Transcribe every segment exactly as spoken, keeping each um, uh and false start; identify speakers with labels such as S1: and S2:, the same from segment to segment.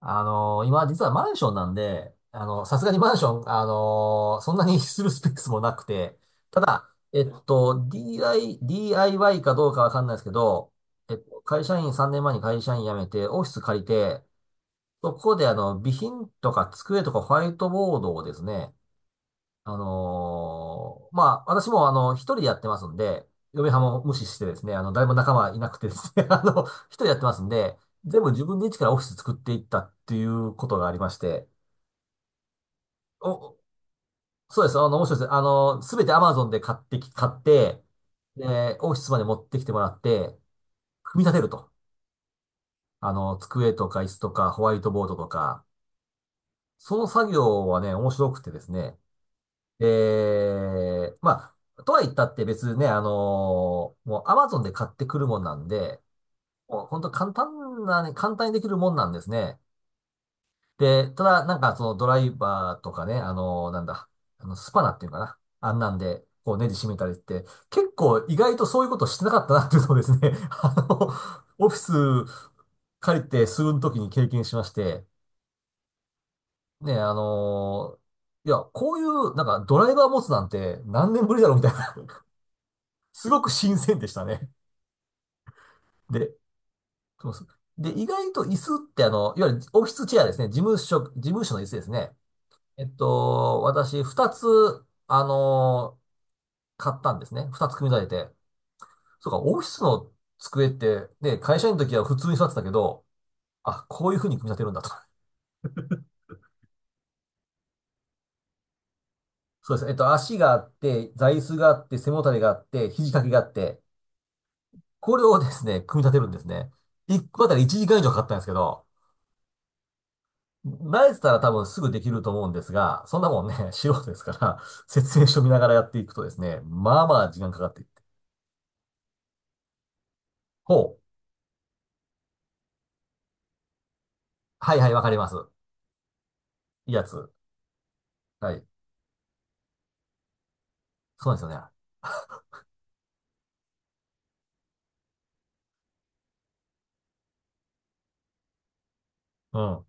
S1: あのー今実はマンションなんで、あの、さすがにマンション、あのーそんなにするスペースもなくて、ただ、えっと、ディーアイ、ディーアイワイ かどうかわかんないですけど、えっと、会社員、さんねんまえに会社員辞めて、オフィス借りて、そこであの、備品とか机とかホワイトボードをですね、あのーまあ、私もあの、一人でやってますんで、嫁はんも無視してですね、あの、誰も仲間いなくてですね、あの、一人でやってますんで、全部自分で一からオフィス作っていったっていうことがありまして、お、そうです、あの、面白いです。あの、すべて Amazon で買ってき、買って、で、オフィスまで持ってきてもらって、組み立てると。あの、机とか椅子とかホワイトボードとか、その作業はね、面白くてですね、ええまあ、とは言ったって別にね、あのーもう Amazon で買ってくるもんなんで、もう本当簡単なね、簡単にできるもんなんですね。で、ただなんかそのドライバーとかね、あのーなんだ、あのスパナっていうのかな。あんなんで、こうネジ締めたりって、結構意外とそういうことしてなかったなっていうのをですね、あの、オフィス借りて数分の時に経験しまして、ね、あのーいや、こういう、なんか、ドライバー持つなんて何年ぶりだろうみたいな、すごく新鮮でしたね。で、そうそう。で、意外と椅子ってあの、いわゆるオフィスチェアですね。事務所、事務所の椅子ですね。えっと、私、二つ、あのー買ったんですね。二つ組み立てて。そうか、オフィスの机って、ね、会社員の時は普通に座ってたけど、あ、こういう風に組み立てるんだと。そうです。えっと、足があって、座椅子があって、背もたれがあって、肘掛けがあって、これをですね、組み立てるんですね。一個あたりいちじかん以上かかったんですけど、慣れてたら多分すぐできると思うんですが、そんなもんね、素人ですから、説明書見ながらやっていくとですね、まあまあ時間かかっていって。ほう。はいはい、わかります。いいやつ。はい。そうなんですよね。うん。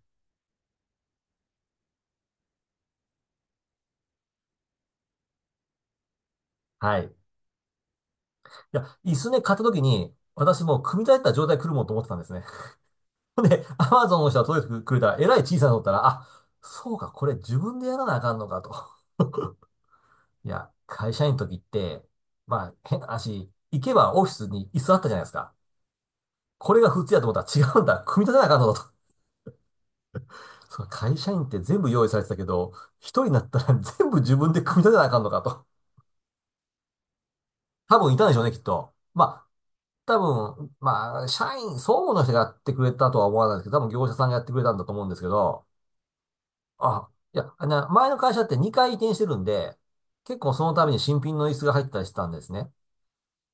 S1: はい。いや、椅子ね、買った時に、私もう組み立てた状態来るもんと思ってたんですね。で、アマゾンの人が届いてくれたら、えらい小さいのだったら、あ、そうか、これ自分でやらなあかんのかと。いや、会社員の時って、まあ、変な話、行けばオフィスに椅子あったじゃないですか。これが普通やと思ったら違うんだ。組み立てなあかんのだと。そう、会社員って全部用意されてたけど、一人になったら 全部自分で組み立てなあかんのかと。多分いたんでしょうね、きっと。まあ、多分、まあ、社員、総務の人がやってくれたとは思わないですけど、多分業者さんがやってくれたんだと思うんですけど、あ、いや、あの前の会社ってにかい移転してるんで、結構そのために新品の椅子が入ったりしてたんですね。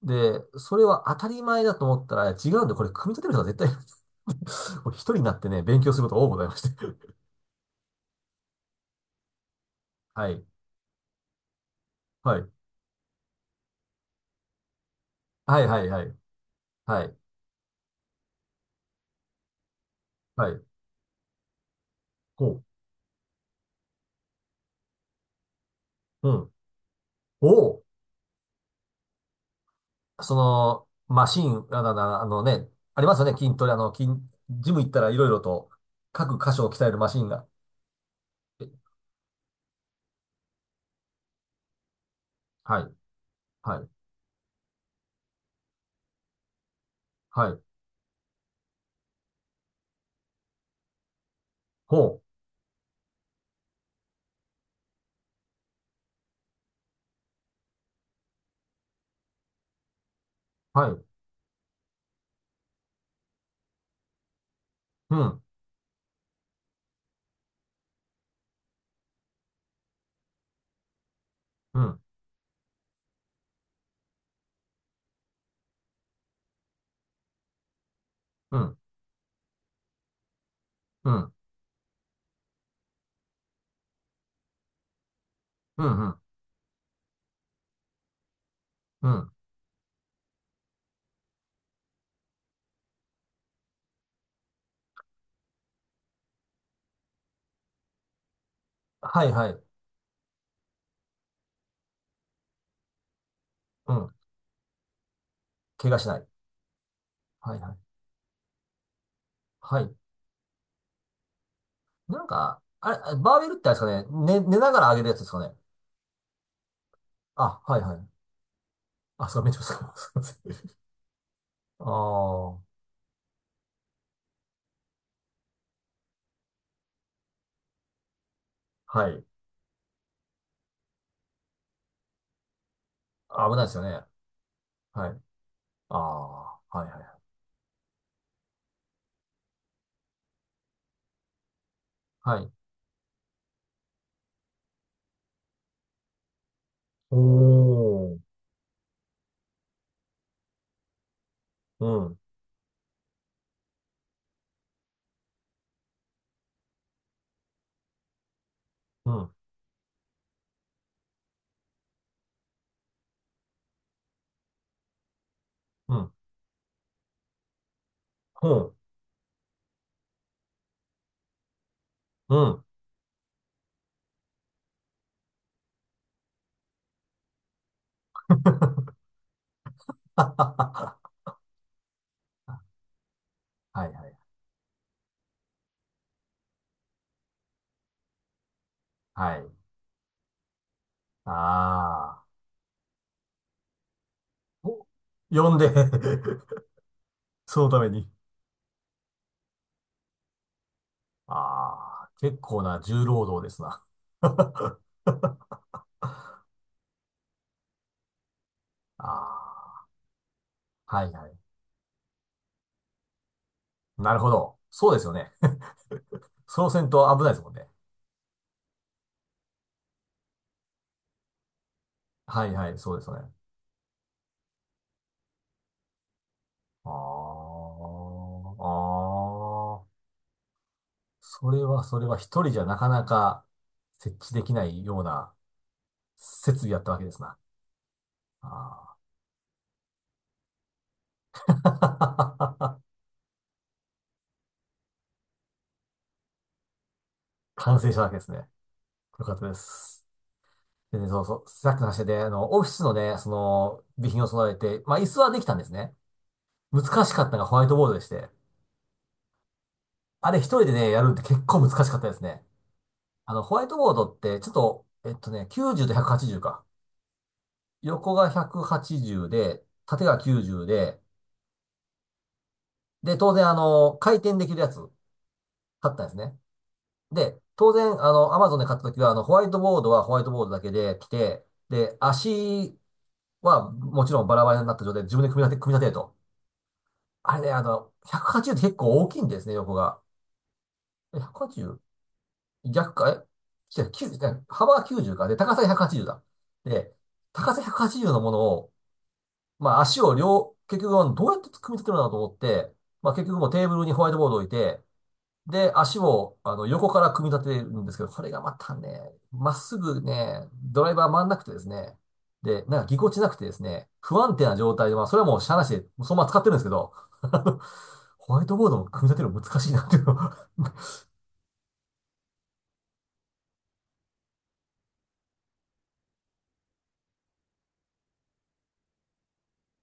S1: で、それは当たり前だと思ったら違うんで、これ組み立てる人は絶対いない、これ一人になってね、勉強することが多くございまして。はい。はい。はいはいはい。はい。はい。ほう。うん。おう。その、マシン、あの、あのね、ありますよね、筋トレ、あの、筋、ジム行ったらいろいろと、各箇所を鍛えるマシンが。え、はい。はい。はい。ほう。はい。うん。うん。うん。うん。うん。うん。うん、はいはい。うん。怪我しない。はいはい。はい。なんか、あれ、バーベルってあれですかね、寝、寝ながら上げるやつですかね。あ、はい。はい。あ、そう、めっちゃ疲れます。すいません。ああ。はい。危ないですよね。はい。ああ。はい。はい。はい。おー、うん、うん、うん、うん、うん。はいはい、はい。ああ、お、呼んで そのために。ああ、結構な重労働ですな。ああ、はいはい。なるほど。そうですよね。そうせんと危ないですもんね。はいはい、そうですよね。ああ、ああ、それはそれは一人じゃなかなか設置できないような設備やったわけですな。あー 完成したわけですね。よかったです。でね、そうそう。さっきの話で、あの、オフィスのね、その、備品を備えて、まあ、椅子はできたんですね。難しかったのがホワイトボードでして、あれ一人でね、やるって結構難しかったですね。あの、ホワイトボードって、ちょっと、えっとね、きゅうじゅうとひゃくはちじゅうか。横がひゃくはちじゅうで、縦がきゅうじゅうで、で、当然、あの、回転できるやつ、買ったんですね。で、当然、あの、アマゾンで買った時は、あの、ホワイトボードはホワイトボードだけで来て、で、足は、もちろんバラバラになった状態で自分で組み立て、組み立てると。あれね、あの、ひゃくはちじゅうって結構大きいんですね、横が。え、 ひゃくはちじゅう? 逆か、え違う、きゅうじゅう、違う、幅がきゅうじゅうか。で、高さがひゃくはちじゅうだ。で、高さひゃくはちじゅうのものを、まあ足を両、結局どうやって組み立てるのかなと思って、まあ結局もうテーブルにホワイトボードを置いて、で、足を、あの、横から組み立てるんですけど、これがまたね、まっすぐね、ドライバー回んなくてですね、で、なんかぎこちなくてですね、不安定な状態で、まあ、それはもうしゃあなしで、そのまま使ってるんですけど、あの、ホワイトボードも組み立てるの難しいなっていうの。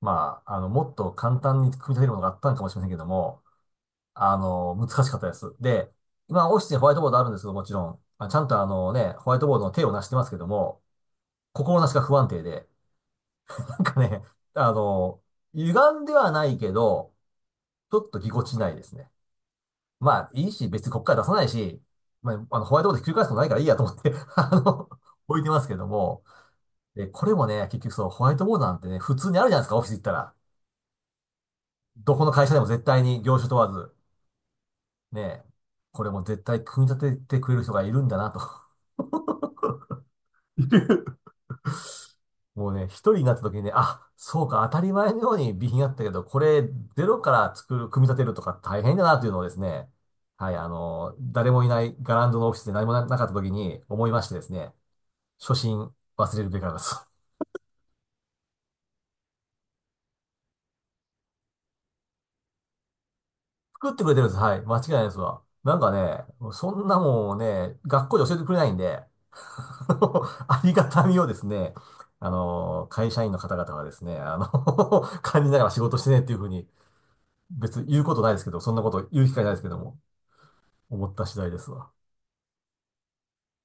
S1: まあ、あの、もっと簡単に組み立てるものがあったのかもしれませんけども、あの、難しかったです。で、今、オフィスにホワイトボードあるんですけど、もちろん、あ、ちゃんとあのね、ホワイトボードの手をなしてますけども、心なしか不安定で、なんかね、あの、歪んではないけど、ちょっとぎこちないですね。まあ、いいし、別にこっから出さないし、まあ、あの、ホワイトボードひっくり返すことないからいいやと思って あの、置いてますけども、で、これもね、結局そう、ホワイトボードなんてね、普通にあるじゃないですか、オフィス行ったら。どこの会社でも絶対に業種問わず、ね、これも絶対組み立ててくれる人がいるんだなと。もうね、一人になった時にね、あ、そうか、当たり前のように備品あったけど、これ、ゼロから作る、組み立てるとか大変だなというのをですね、はい、あの、誰もいないガランドのオフィスで何もななかった時に思いましてですね、初心忘れるべからです。作ってくれてるんです。はい、間違いないですわ。なんかね、そんなもんね、学校で教えてくれないんで、ありがたみをですね、あの、会社員の方々はですね、あの 感じながら仕事してねっていうふうに、別に言うことないですけど、そんなこと言う機会ないですけども。思った次第ですわ。